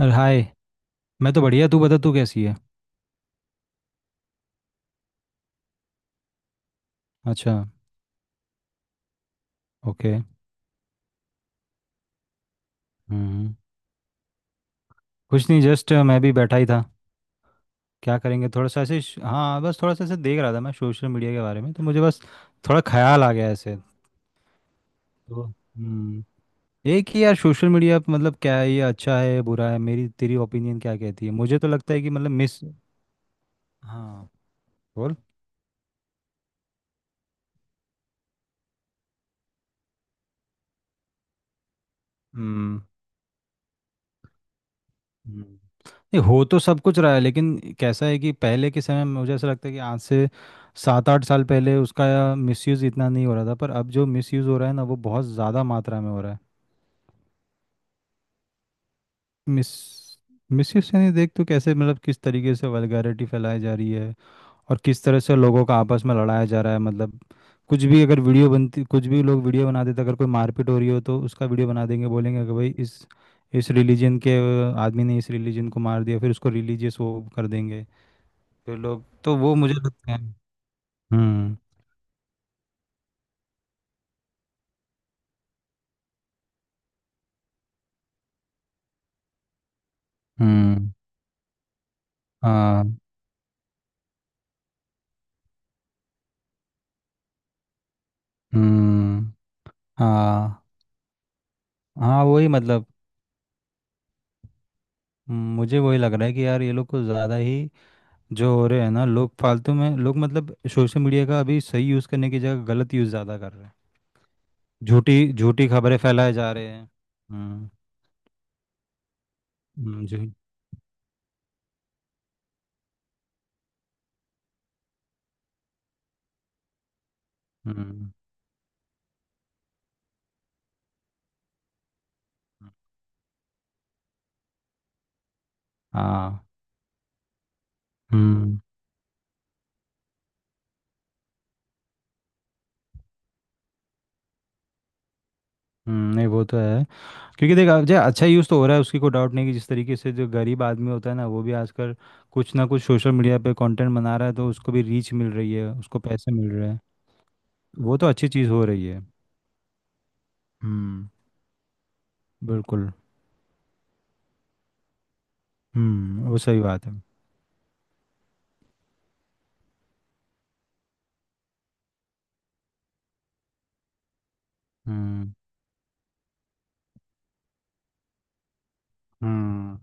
अरे हाय। मैं तो बढ़िया, तू बता तू कैसी है। अच्छा। ओके। हम्म। कुछ नहीं, जस्ट मैं भी बैठा ही था। क्या करेंगे, थोड़ा सा ऐसे हाँ बस थोड़ा सा ऐसे देख रहा था मैं सोशल मीडिया के बारे में, तो मुझे बस थोड़ा ख्याल आ गया ऐसे। तो एक ही यार, सोशल मीडिया मतलब क्या है, ये अच्छा है बुरा है, मेरी तेरी ओपिनियन क्या कहती है, मुझे तो लगता है कि मतलब मिस। हाँ। बोल। हम्म। हम्म। नहीं हो तो सब कुछ रहा है, लेकिन कैसा है कि पहले के समय में मुझे ऐसा लगता है कि आज से 7-8 साल पहले उसका मिसयूज़ इतना नहीं हो रहा था, पर अब जो मिसयूज़ हो रहा है ना वो बहुत ज़्यादा मात्रा में हो रहा है। मिस मिसयूज़ यानी देख तो कैसे, मतलब किस तरीके से वल्गैरिटी फैलाई जा रही है और किस तरह से लोगों का आपस में लड़ाया जा रहा है। मतलब कुछ भी अगर वीडियो बनती, कुछ भी लोग वीडियो बना देते, अगर कोई मारपीट हो रही हो तो उसका वीडियो बना देंगे, बोलेंगे कि भाई इस रिलीजन के आदमी ने इस रिलीजन को मार दिया, फिर उसको रिलीजियस वो कर देंगे जो लोग, तो वो मुझे लगता है। हम्म। हम्म। हाँ। हम्म। हाँ, हाँ वही मतलब। मुझे वही लग रहा है कि यार ये लोग को ज़्यादा ही जो हो रहे हैं ना, लोग फालतू में, लोग मतलब सोशल मीडिया का अभी सही यूज़ करने की जगह गलत यूज़ ज़्यादा कर रहे हैं। झूठी झूठी खबरें फैलाए जा रहे हैं। हम्म। जी। हम्म। हाँ। हम्म। नहीं वो तो है, क्योंकि देख अब जो अच्छा यूज़ तो हो रहा है उसकी कोई डाउट नहीं कि जिस तरीके से जो गरीब आदमी होता है ना वो भी आजकल कुछ ना कुछ सोशल मीडिया पे कंटेंट बना रहा है, तो उसको भी रीच मिल रही है, उसको पैसे मिल रहे हैं। वो तो अच्छी चीज़ हो रही है। हम्म। बिल्कुल। वो सही बात है। हम्म। हम्म।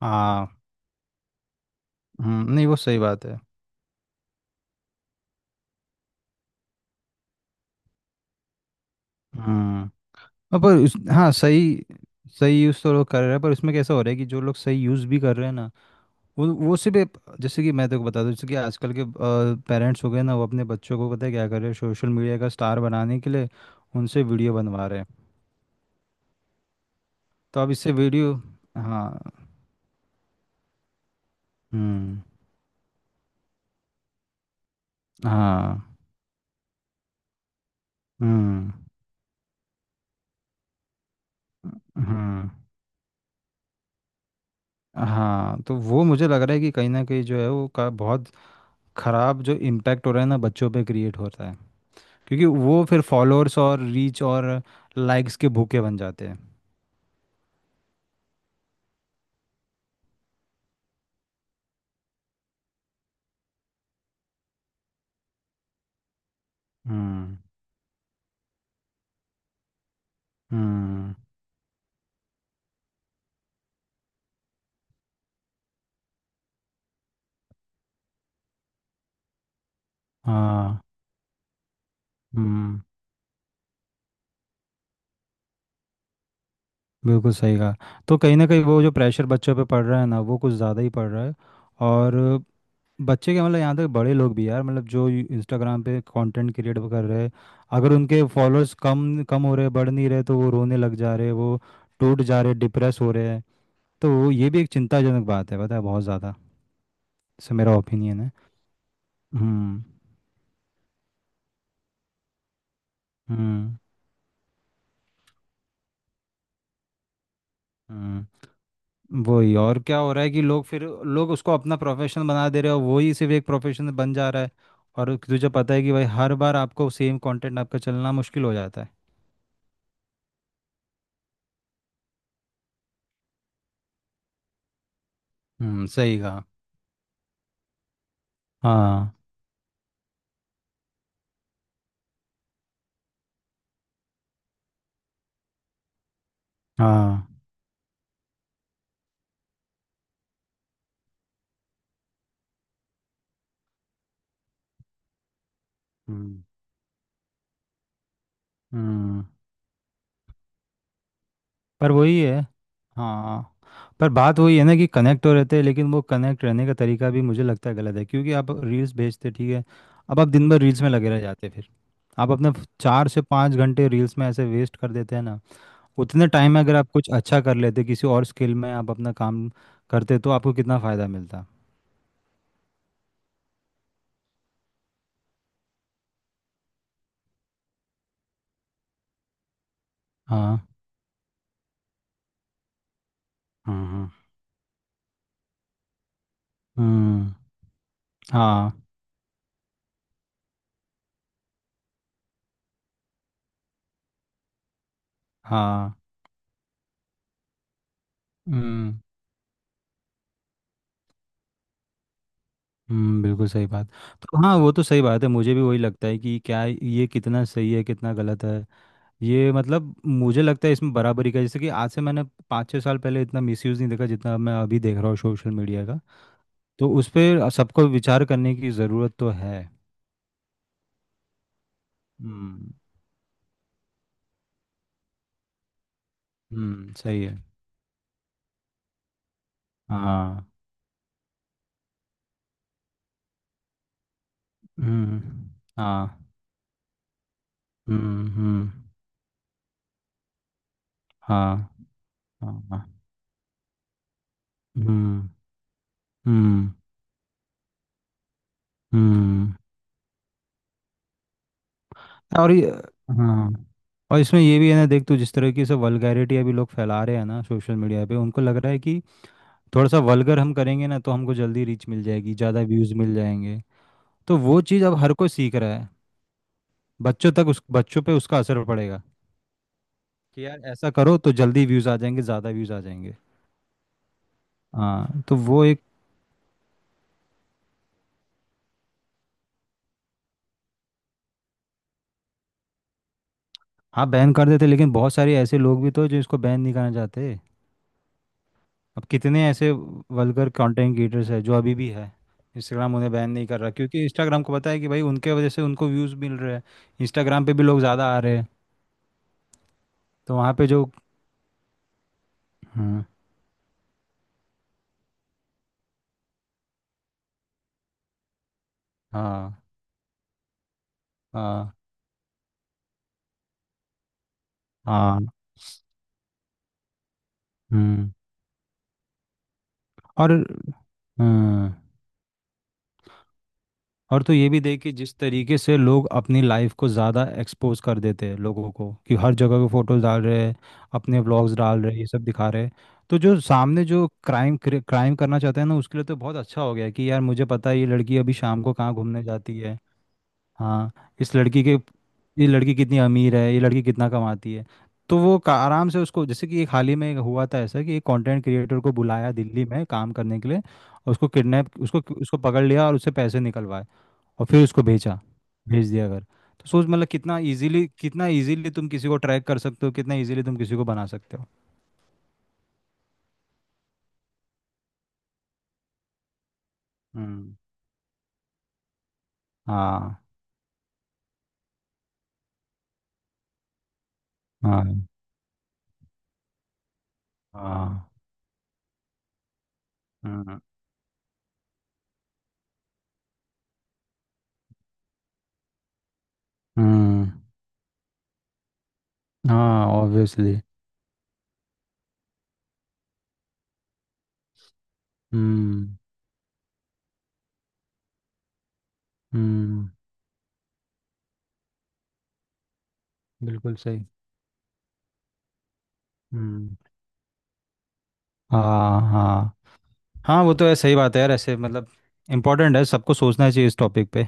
हाँ। हम्म। नहीं वो सही बात है। हम्म। हाँ, पर उस हाँ सही सही यूज़ तो लोग कर रहे हैं, पर उसमें कैसा हो रहा है कि जो लोग सही यूज़ भी कर रहे हैं ना वो सिर्फ जैसे कि मैं तेको बता दूं, जैसे कि आजकल के पेरेंट्स हो गए ना, वो अपने बच्चों को पता है क्या कर रहे हैं सोशल मीडिया का स्टार बनाने के लिए, उनसे वीडियो बनवा रहे हैं। तो अब इससे वीडियो। हाँ। हम्म। हाँ। हम्म। हम्म। हाँ, तो वो मुझे लग रहा है कि कहीं ना कहीं जो है वो का बहुत ख़राब जो इम्पैक्ट हो रहा है ना बच्चों पे क्रिएट होता है, क्योंकि वो फिर फॉलोअर्स और रीच और लाइक्स के भूखे बन जाते हैं। हम्म। हम्म। हाँ। हम्म बिल्कुल सही कहा। तो कहीं ना कहीं वो जो प्रेशर बच्चों पे पड़ रहा है ना वो कुछ ज़्यादा ही पड़ रहा है। और बच्चे के मतलब यहाँ तक बड़े लोग भी यार, मतलब जो इंस्टाग्राम पे कंटेंट क्रिएट कर रहे हैं, अगर उनके फॉलोअर्स कम कम हो रहे बढ़ नहीं रहे, तो वो रोने लग जा रहे हैं, वो टूट जा रहे, डिप्रेस हो रहे हैं। तो ये भी एक चिंताजनक बात है पता है, बहुत ज़्यादा से मेरा ओपिनियन है। हम्म। हम्म। हम्म वही, और क्या हो रहा है कि लोग फिर लोग उसको अपना प्रोफेशन बना दे रहे हो, वही सिर्फ एक प्रोफेशन बन जा रहा है और तुझे पता है कि भाई हर बार आपको सेम कंटेंट आपका चलना मुश्किल हो जाता है। सही कहा। हाँ। हाँ। हम्म। हम्म। पर वही है। हाँ, पर बात वही है ना कि कनेक्ट तो रहते हैं, लेकिन वो कनेक्ट रहने का तरीका भी मुझे लगता है गलत है, क्योंकि आप रील्स भेजते ठीक है, अब आप दिन भर रील्स में लगे रह जाते हैं, फिर आप अपने 4 से 5 घंटे रील्स में ऐसे वेस्ट कर देते हैं ना। उतने टाइम में अगर आप कुछ अच्छा कर लेते किसी और स्किल में, आप अपना काम करते तो आपको कितना फ़ायदा मिलता। हाँ। हाँ। हाँ। हम्म। हाँ। हाँ। हम्म। बिल्कुल सही बात। तो हाँ वो तो सही बात है, मुझे भी वही लगता है कि क्या ये कितना सही है कितना गलत है, ये मतलब मुझे लगता है इसमें बराबरी का, जैसे कि आज से मैंने 5-6 साल पहले इतना मिसयूज़ नहीं देखा जितना मैं अभी देख रहा हूँ सोशल मीडिया का। तो उस पर सबको विचार करने की ज़रूरत तो है। हम्म। सही है। हाँ। हम्म। हाँ। हम्म। हम्म। हाँ। हाँ। हाँ। हम्म। हम्म। हम्म। और ये। हाँ, और इसमें ये भी है ना देख तू, जिस तरह की सब वल्गैरिटी अभी लोग फैला रहे हैं ना सोशल मीडिया पे, उनको लग रहा है कि थोड़ा सा वल्गर हम करेंगे ना तो हमको जल्दी रीच मिल जाएगी, ज़्यादा व्यूज़ मिल जाएंगे, तो वो चीज़ अब हर कोई सीख रहा है। बच्चों तक, उस बच्चों पे उसका असर पड़ेगा कि यार ऐसा करो तो जल्दी व्यूज़ आ जाएंगे, ज़्यादा व्यूज़ आ जाएंगे। हाँ, तो वो एक। हाँ बैन कर देते, लेकिन बहुत सारे ऐसे लोग भी तो जो इसको बैन नहीं करना चाहते। अब कितने ऐसे वल्गर कंटेंट क्रिएटर्स है जो अभी भी है, इंस्टाग्राम उन्हें बैन नहीं कर रहा, क्योंकि इंस्टाग्राम को पता है कि भाई उनके वजह से उनको व्यूज़ मिल रहे हैं, इंस्टाग्राम पे भी लोग ज़्यादा आ रहे हैं। तो वहाँ पे जो। हम्म, हाँ। हाँ। हाँ। हम्म। और। हम्म। और तो ये भी देख कि जिस तरीके से लोग अपनी लाइफ को ज़्यादा एक्सपोज कर देते हैं लोगों को, कि हर जगह के फोटोज डाल रहे हैं, अपने व्लॉग्स डाल रहे हैं, ये सब दिखा रहे हैं। तो जो सामने जो क्राइम क्राइम करना चाहते हैं ना उसके लिए तो बहुत अच्छा हो गया है कि यार मुझे पता है ये लड़की अभी शाम को कहाँ घूमने जाती है। हाँ, इस लड़की के, ये लड़की कितनी अमीर है, ये लड़की कितना कमाती है। तो वो आराम से उसको, जैसे कि एक हाल ही में हुआ था ऐसा कि एक कंटेंट क्रिएटर को बुलाया दिल्ली में काम करने के लिए, और उसको किडनैप, उसको उसको पकड़ लिया और उससे पैसे निकलवाए और फिर उसको भेजा, भेज दिया अगर। तो सोच मतलब कितना इजीली, कितना इजीली तुम किसी को ट्रैक कर सकते हो, कितना इजीली तुम किसी को बना सकते हो। हम्म। हाँ। हाँ। हाँ। हम्म। हम्म। हाँ, ऑब्वियसली। हम्म। हम्म। बिल्कुल सही। हम्म। हाँ। हाँ। हाँ वो तो है, सही बात है यार। ऐसे मतलब इम्पोर्टेंट है, सबको सोचना चाहिए इस टॉपिक पे,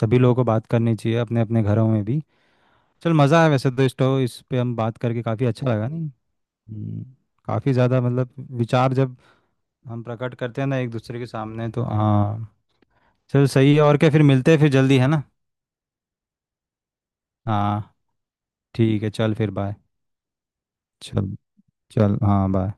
सभी लोगों को बात करनी चाहिए अपने अपने घरों में भी। चल मज़ा आया, वैसे तो इस पे हम बात करके काफ़ी अच्छा लगा, नहीं। हम्म, काफी ज्यादा मतलब विचार जब हम प्रकट करते हैं ना एक दूसरे के सामने, तो हाँ। चल सही है, और क्या फिर मिलते हैं फिर जल्दी, है ना। हाँ। ठीक है चल फिर बाय। चल। चल हाँ, बाय।